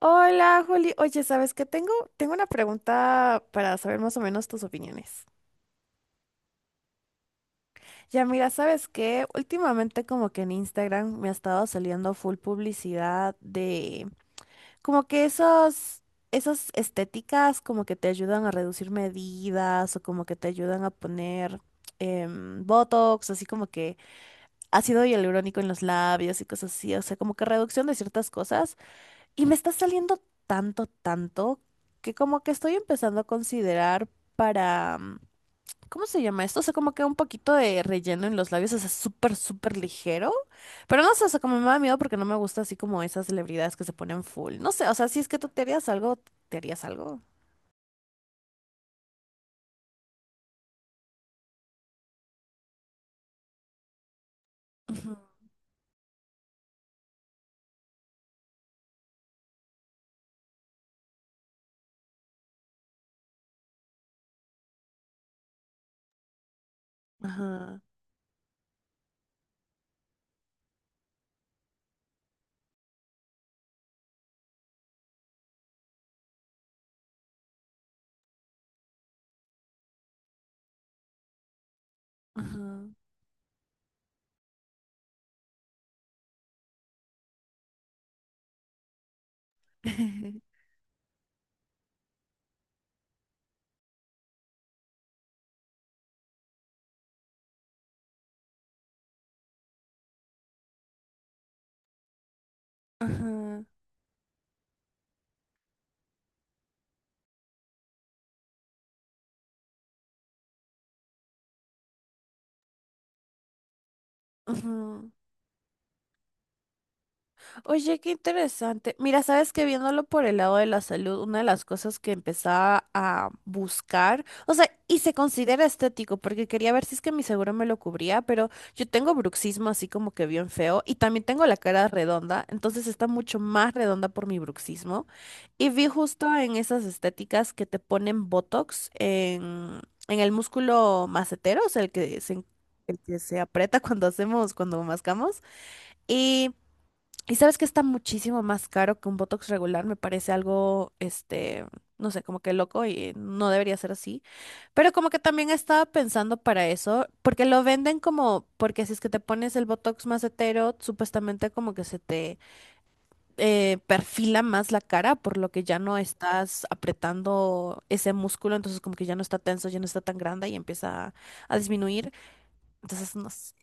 Hola, Juli. Oye, ¿sabes qué? Tengo una pregunta para saber más o menos tus opiniones. Ya, mira, ¿sabes qué? Últimamente como que en Instagram me ha estado saliendo full publicidad de como que esas estéticas como que te ayudan a reducir medidas o como que te ayudan a poner Botox, así como que ácido hialurónico en los labios y cosas así. O sea, como que reducción de ciertas cosas. Y me está saliendo tanto, tanto, que como que estoy empezando a considerar para... mm, ¿cómo se llama esto? O sea, como que un poquito de relleno en los labios, o sea, súper, súper ligero. Pero no sé, o sea, como me da miedo porque no me gusta así como esas celebridades que se ponen full. No sé, o sea, si es que tú te harías algo, te harías algo. Ujú. Ajá, ajá, ajá, ajá. Oye, qué interesante. Mira, sabes que viéndolo por el lado de la salud, una de las cosas que empezaba a buscar, o sea, y se considera estético, porque quería ver si es que mi seguro me lo cubría, pero yo tengo bruxismo así como que bien feo, y también tengo la cara redonda, entonces está mucho más redonda por mi bruxismo. Y vi justo en esas estéticas que te ponen Botox en el músculo macetero, o sea, el que se aprieta cuando cuando mascamos. Y y sabes que está muchísimo más caro que un Botox regular, me parece algo, este, no sé, como que loco y no debería ser así. Pero como que también estaba pensando para eso, porque lo venden como, porque si es que te pones el Botox más hetero, supuestamente como que se te perfila más la cara, por lo que ya no estás apretando ese músculo, entonces como que ya no está tenso, ya no está tan grande y empieza a disminuir. Entonces, no sé.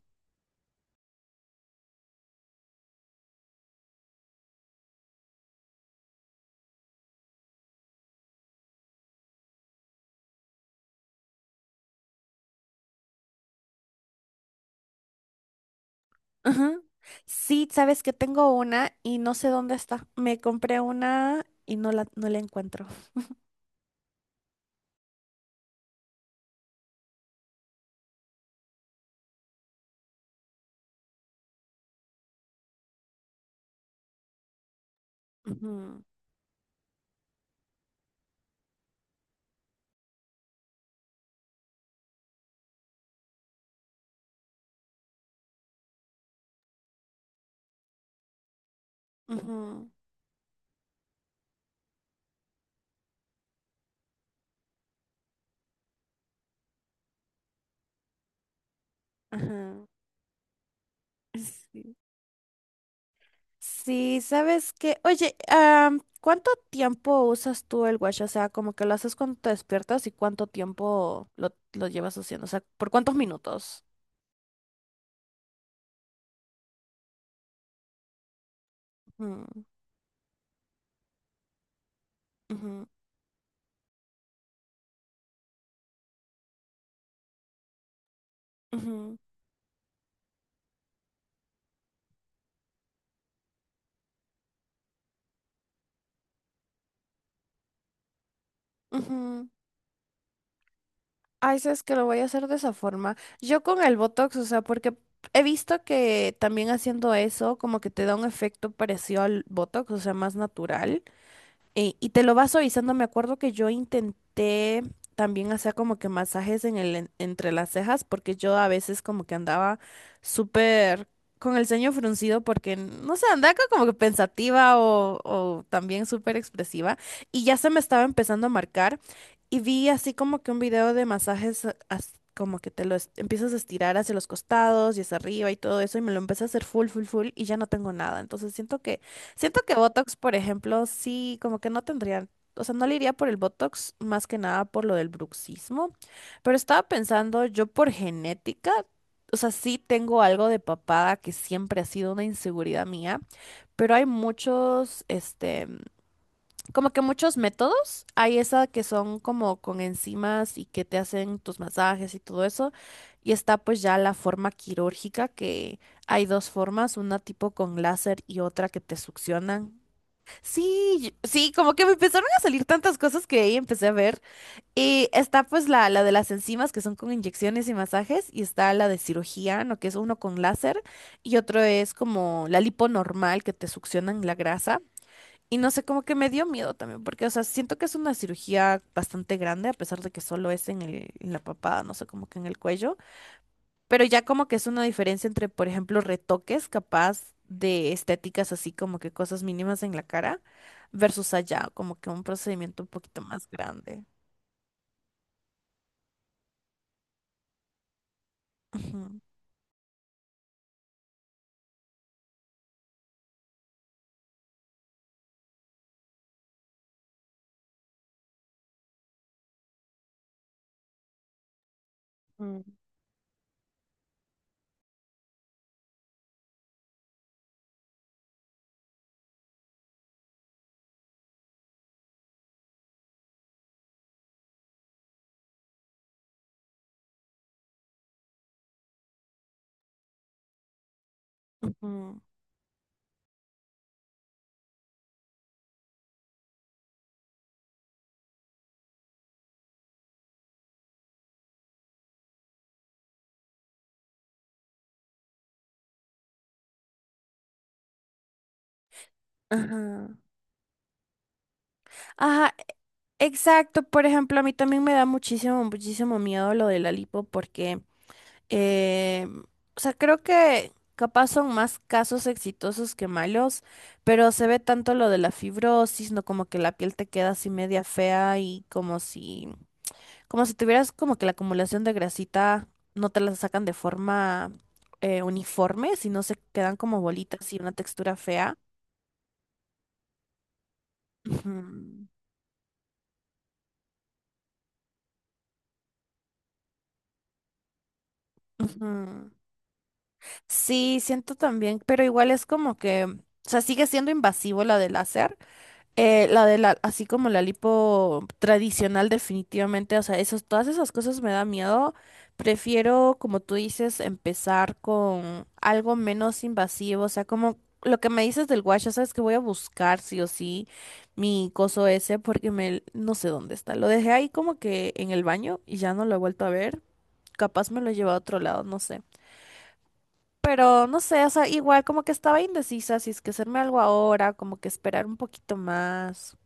Ajá. Sí, sabes que tengo una y no sé dónde está. Me compré una y no la encuentro. Ujú, ujú, ajá. Sí, sí, sabes que, oye, ¿cuánto tiempo usas tú el watch? O sea, como que lo haces cuando te despiertas y cuánto tiempo lo llevas haciendo. O sea, ¿por cuántos minutos? Ujú, ujú, ujú, ujú. Ay, sabes que lo voy a hacer de esa forma. Yo con el Botox, o sea, porque he visto que también haciendo eso como que te da un efecto parecido al Botox, o sea, más natural. Y te lo vas suavizando. Me acuerdo que yo intenté también hacer como que masajes en entre las cejas, porque yo a veces como que andaba súper con el ceño fruncido, porque no sé, andaba como que pensativa o también súper expresiva. Y ya se me estaba empezando a marcar. Y vi así como que un video de masajes, como que empiezas a estirar hacia los costados y hacia arriba y todo eso. Y me lo empecé a hacer full, full, full. Y ya no tengo nada. Entonces siento que. Siento que Botox, por ejemplo, sí, como que no tendrían, o sea, no le iría por el Botox más que nada por lo del bruxismo, pero estaba pensando yo por genética, o sea, sí tengo algo de papada que siempre ha sido una inseguridad mía, pero hay muchos, este, como que muchos métodos, hay esa que son como con enzimas y que te hacen tus masajes y todo eso, y está pues ya la forma quirúrgica que hay dos formas, una tipo con láser y otra que te succionan. Sí, sí, como que me empezaron a salir tantas cosas que ahí empecé a ver. Y está pues la de las enzimas que son con inyecciones y masajes, y está la de cirugía, ¿no? Que es uno con láser, y otro es como la lipo normal que te succionan la grasa. Y no sé, como que me dio miedo también, porque, o sea, siento que es una cirugía bastante grande, a pesar de que solo es en la papada, no sé, como que en el cuello. Pero ya como que es una diferencia entre, por ejemplo, retoques capaz de estéticas así como que cosas mínimas en la cara versus allá, como que un procedimiento un poquito más grande. Ujú, mm, ujú, ajá. Ajá, exacto. Por ejemplo, a mí también me da muchísimo, muchísimo miedo lo de la lipo porque Eh, o sea, creo que capaz son más casos exitosos que malos, pero se ve tanto lo de la fibrosis, ¿no? Como que la piel te queda así media fea y como si tuvieras como que la acumulación de grasita no te la sacan de forma uniforme, sino se quedan como bolitas y una textura fea. Ujú, ujú. Sí, siento también, pero igual es como que, o sea, sigue siendo invasivo la del láser. La de así como la lipo tradicional, definitivamente, o sea, esos, todas esas cosas me da miedo. Prefiero, como tú dices, empezar con algo menos invasivo, o sea, como lo que me dices del wash, ya sabes que voy a buscar sí o sí mi coso ese porque me, no sé dónde está. Lo dejé ahí como que en el baño y ya no lo he vuelto a ver. Capaz me lo he llevado a otro lado, no sé. Pero no sé, o sea, igual como que estaba indecisa si es que hacerme algo ahora, como que esperar un poquito más.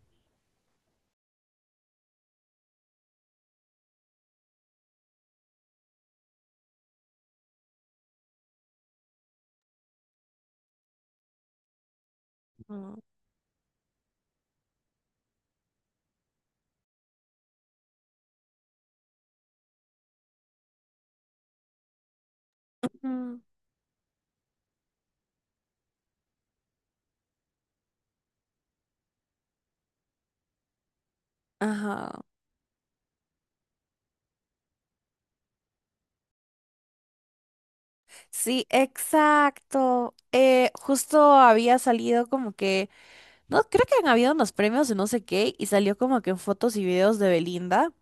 Mm. Ajá. Sí, exacto. Justo había salido como que, no, creo que han habido unos premios de no sé qué y salió como que en fotos y videos de Belinda.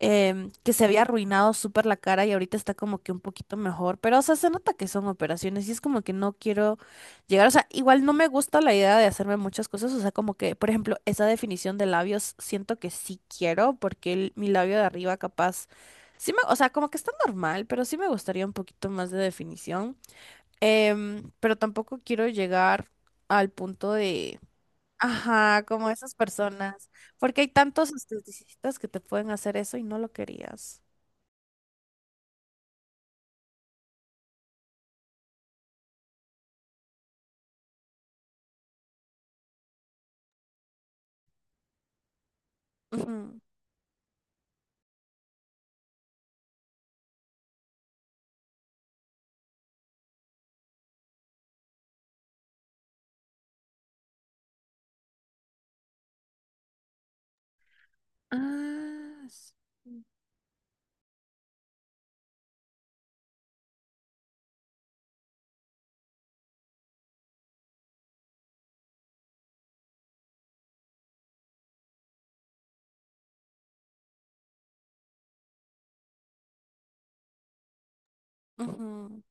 Que se había arruinado súper la cara y ahorita está como que un poquito mejor, pero o sea, se nota que son operaciones y es como que no quiero llegar, o sea, igual no me gusta la idea de hacerme muchas cosas, o sea, como que, por ejemplo, esa definición de labios siento que sí quiero porque mi labio de arriba capaz, sí me, o sea, como que está normal, pero sí me gustaría un poquito más de definición. Em, pero tampoco quiero llegar al punto de ajá, como esas personas. Porque hay tantos esteticistas que te pueden hacer eso y no lo querías. Ujú, ah, ujú.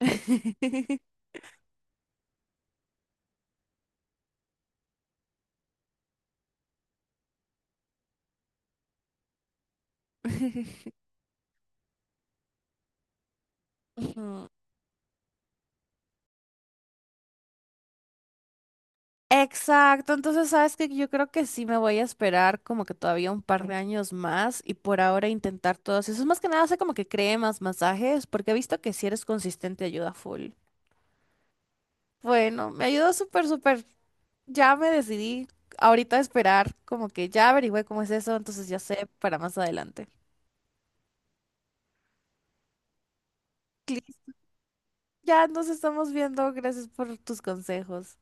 Ujú. Exacto, entonces sabes que yo creo que sí me voy a esperar como que todavía un par de años más y por ahora intentar todos esos. Más que nada, sé como que cree más masajes porque he visto que si eres consistente ayuda full. Bueno, me ayudó súper, súper. Ya me decidí ahorita a esperar, como que ya averigüé cómo es eso, entonces ya sé para más adelante. Clis, ya nos estamos viendo, gracias por tus consejos.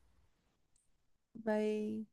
Bye.